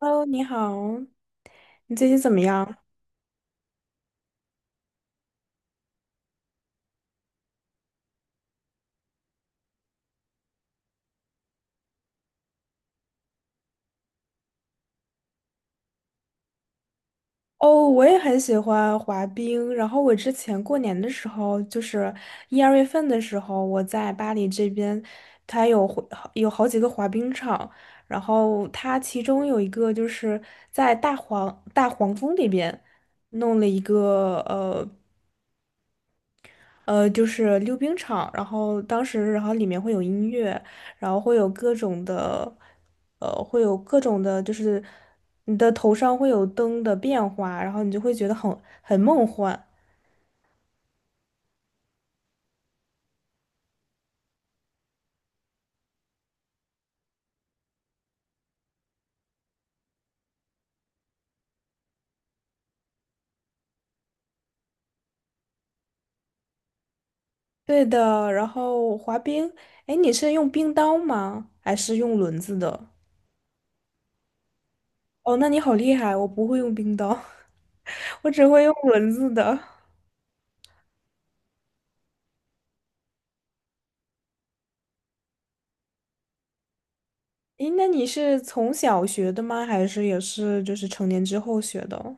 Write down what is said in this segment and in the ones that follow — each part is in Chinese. Hello，你好，你最近怎么样？哦，我也很喜欢滑冰。然后我之前过年的时候，就是一二月份的时候，我在巴黎这边，它有好几个滑冰场。然后它其中有一个就是在大黄蜂里边弄了一个。就是溜冰场，然后然后里面会有音乐，然后会有各种的，呃，会有各种的，就是你的头上会有灯的变化，然后你就会觉得很梦幻。对的，然后滑冰，哎，你是用冰刀吗？还是用轮子的？哦，那你好厉害，我不会用冰刀，我只会用轮子的。诶，那你是从小学的吗？还是也是就是成年之后学的？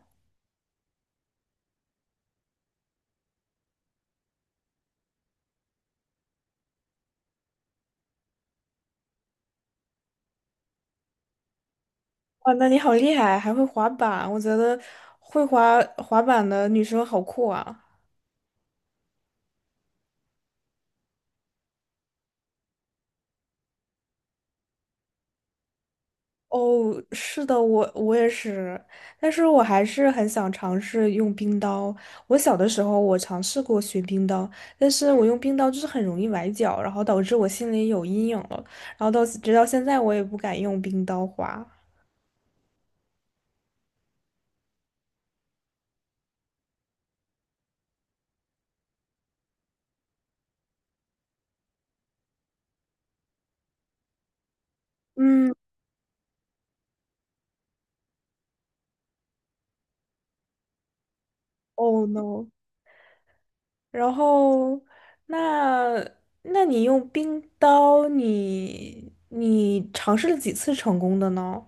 哇，那你好厉害，还会滑板，我觉得会滑滑板的女生好酷啊！哦，是的，我也是，但是我还是很想尝试用冰刀。我小的时候我尝试过学冰刀，但是我用冰刀就是很容易崴脚，然后导致我心里有阴影了，然后直到现在我也不敢用冰刀滑。嗯，Oh no！然后，那那你用冰刀，你尝试了几次成功的呢？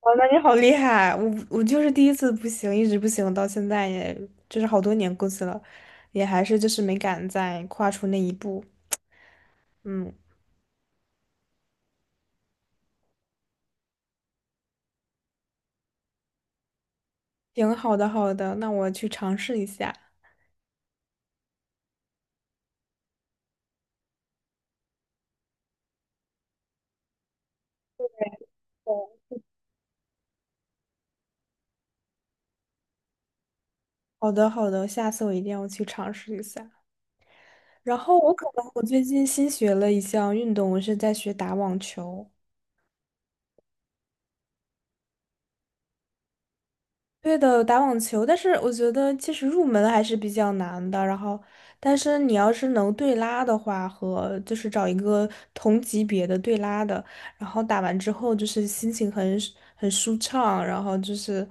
哇，那你好厉害！我就是第一次不行，一直不行，到现在也就是好多年过去了，也还是就是没敢再跨出那一步。嗯，行，好的，好的，那我去尝试一下。好的，好的，下次我一定要去尝试一下。然后我可能我最近新学了一项运动，我是在学打网球。对的，打网球，但是我觉得其实入门还是比较难的。然后，但是你要是能对拉的话，和就是找一个同级别的对拉的，然后打完之后就是心情很舒畅，然后就是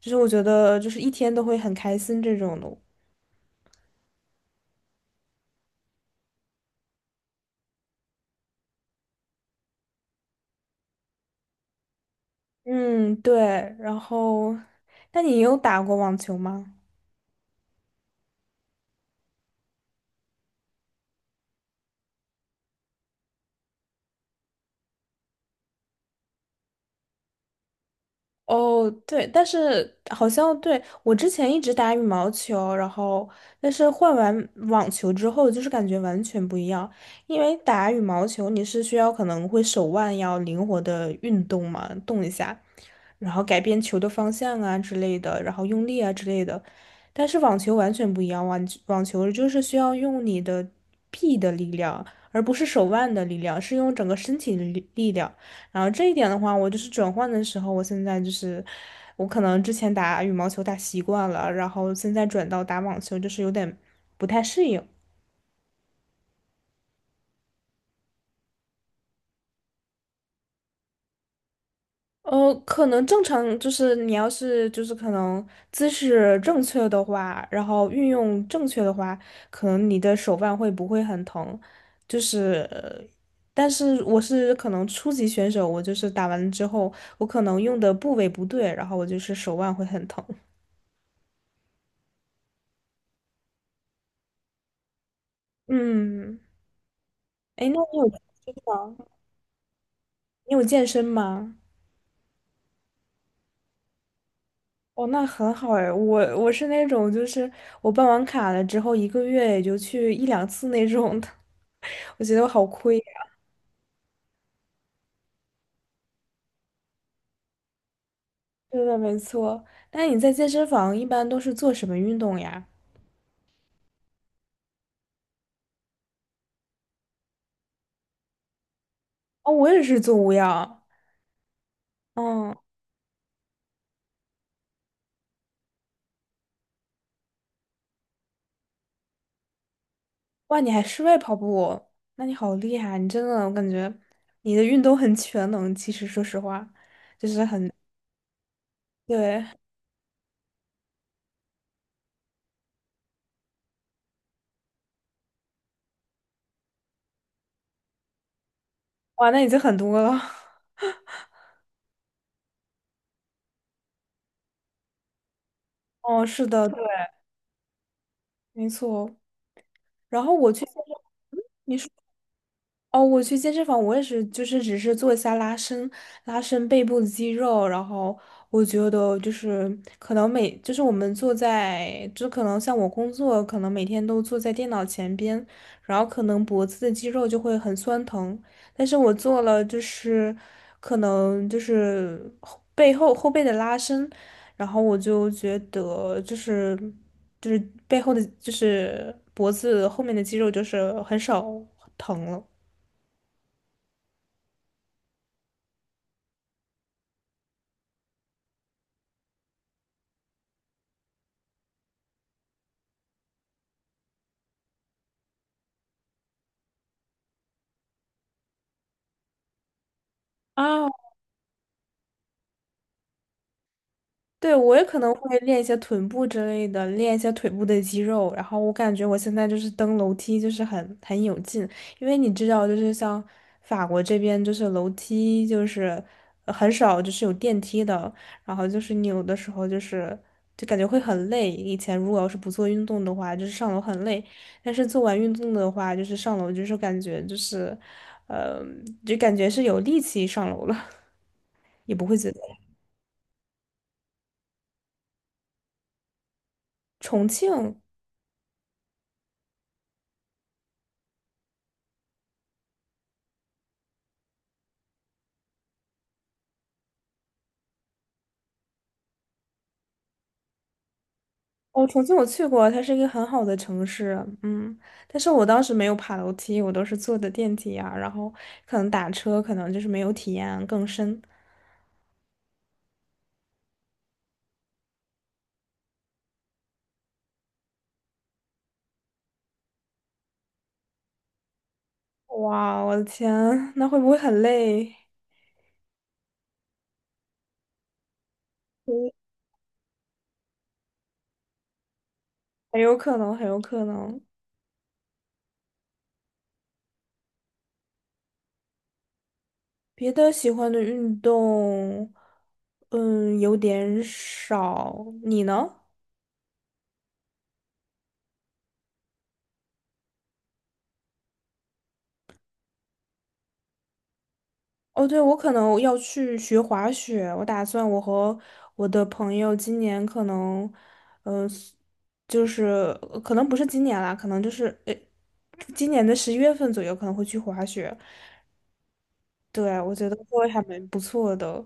就是我觉得就是一天都会很开心这种的。嗯，对。然后，那你有打过网球吗？哦，对，但是好像对，我之前一直打羽毛球，然后但是换完网球之后，就是感觉完全不一样。因为打羽毛球你是需要可能会手腕要灵活的运动嘛，动一下，然后改变球的方向啊之类的，然后用力啊之类的。但是网球完全不一样，网球就是需要用你的臂的力量，而不是手腕的力量，是用整个身体的力量。然后这一点的话，我就是转换的时候，我现在就是我可能之前打羽毛球打习惯了，然后现在转到打网球，就是有点不太适应。可能正常就是你要是就是可能姿势正确的话，然后运用正确的话，可能你的手腕会不会很疼？就是，但是我是可能初级选手，我就是打完之后，我可能用的部位不对，然后我就是手腕会很疼。嗯。哎，那你有健身吗？你有健身吗？哦，那很好哎，我是那种就是我办完卡了之后一个月也就去一两次那种的，我觉得我好亏呀。对的，没错。那你在健身房一般都是做什么运动呀？哦，我也是做无氧。嗯，哇，你还室外跑步，那你好厉害啊！你真的，我感觉你的运动很全能。其实说实话，就是很，对，哇，那已经很多了。哦，是的，对，没错。然后我去健身，你说。哦，我去健身房，我也是，就是只是做一下拉伸，拉伸背部的肌肉，然后我觉得就是可能每，就是我们坐在，就可能像我工作，可能每天都坐在电脑前边，然后可能脖子的肌肉就会很酸疼，但是我做了就是可能就是后背的拉伸，然后我就觉得就是背后的就是脖子后面的肌肉就是很少疼了。啊，对，我也可能会练一些臀部之类的，练一些腿部的肌肉。然后我感觉我现在就是登楼梯就是很有劲，因为你知道，就是像法国这边就是楼梯就是很少就是有电梯的，然后就是你有的时候就是就感觉会很累。以前如果要是不做运动的话，就是上楼很累，但是做完运动的话，就是上楼就是感觉就是，呃，就感觉是有力气上楼了，也不会觉得。重庆。哦，重庆我去过啊，它是一个很好的城市，嗯，但是我当时没有爬楼梯，我都是坐的电梯呀，然后可能打车，可能就是没有体验更深。哇，我的天，那会不会很累？嗯很有可能，很有可能。别的喜欢的运动，有点少。你呢？哦，对，我可能要去学滑雪，我打算我和我的朋友今年可能，嗯，就是可能不是今年啦，可能就是今年的十一月份左右可能会去滑雪。对，我觉得会还蛮不错的。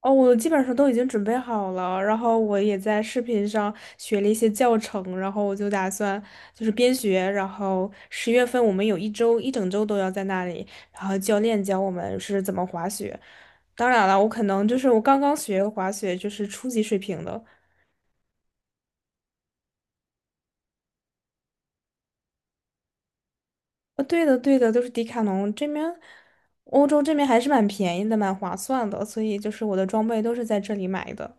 哦，我基本上都已经准备好了，然后我也在视频上学了一些教程，然后我就打算就是边学，然后十月份我们有一整周都要在那里，然后教练教我们是怎么滑雪。当然了，我可能就是我刚刚学滑雪，就是初级水平的。对的，对的，都是迪卡侬这边，欧洲这边还是蛮便宜的，蛮划算的，所以就是我的装备都是在这里买的。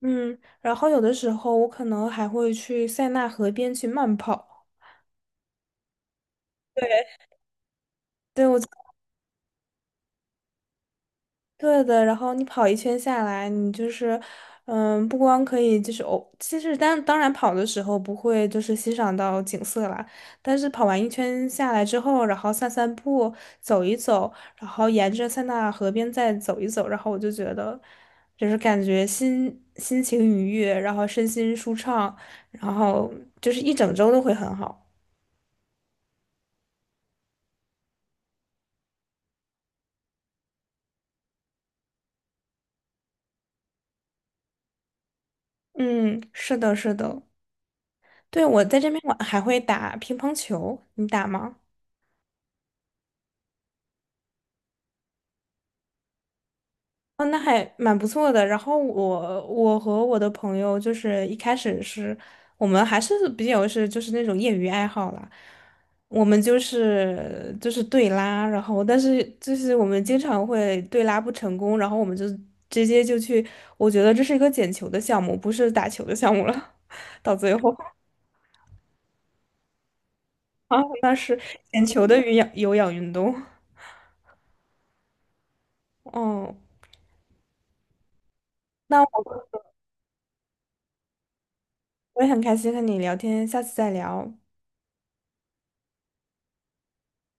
嗯，然后有的时候我可能还会去塞纳河边去慢跑。对，对我。对的，然后你跑一圈下来，你就是，不光可以就是哦，其实当然跑的时候不会就是欣赏到景色啦，但是跑完一圈下来之后，然后散散步，走一走，然后沿着塞纳河边再走一走，然后我就觉得，就是感觉心情愉悦，然后身心舒畅，然后就是一整周都会很好。嗯，是的，是的，对，我在这边我还会打乒乓球，你打吗？哦，那还蛮不错的。然后我和我的朋友就是一开始是我们还是比较是就是那种业余爱好啦，我们就是对拉，然后但是就是我们经常会对拉不成功，然后我们就直接就去，我觉得这是一个捡球的项目，不是打球的项目了。到最后啊，捡球的有氧运动。哦，那我也很开心和你聊天，下次再聊。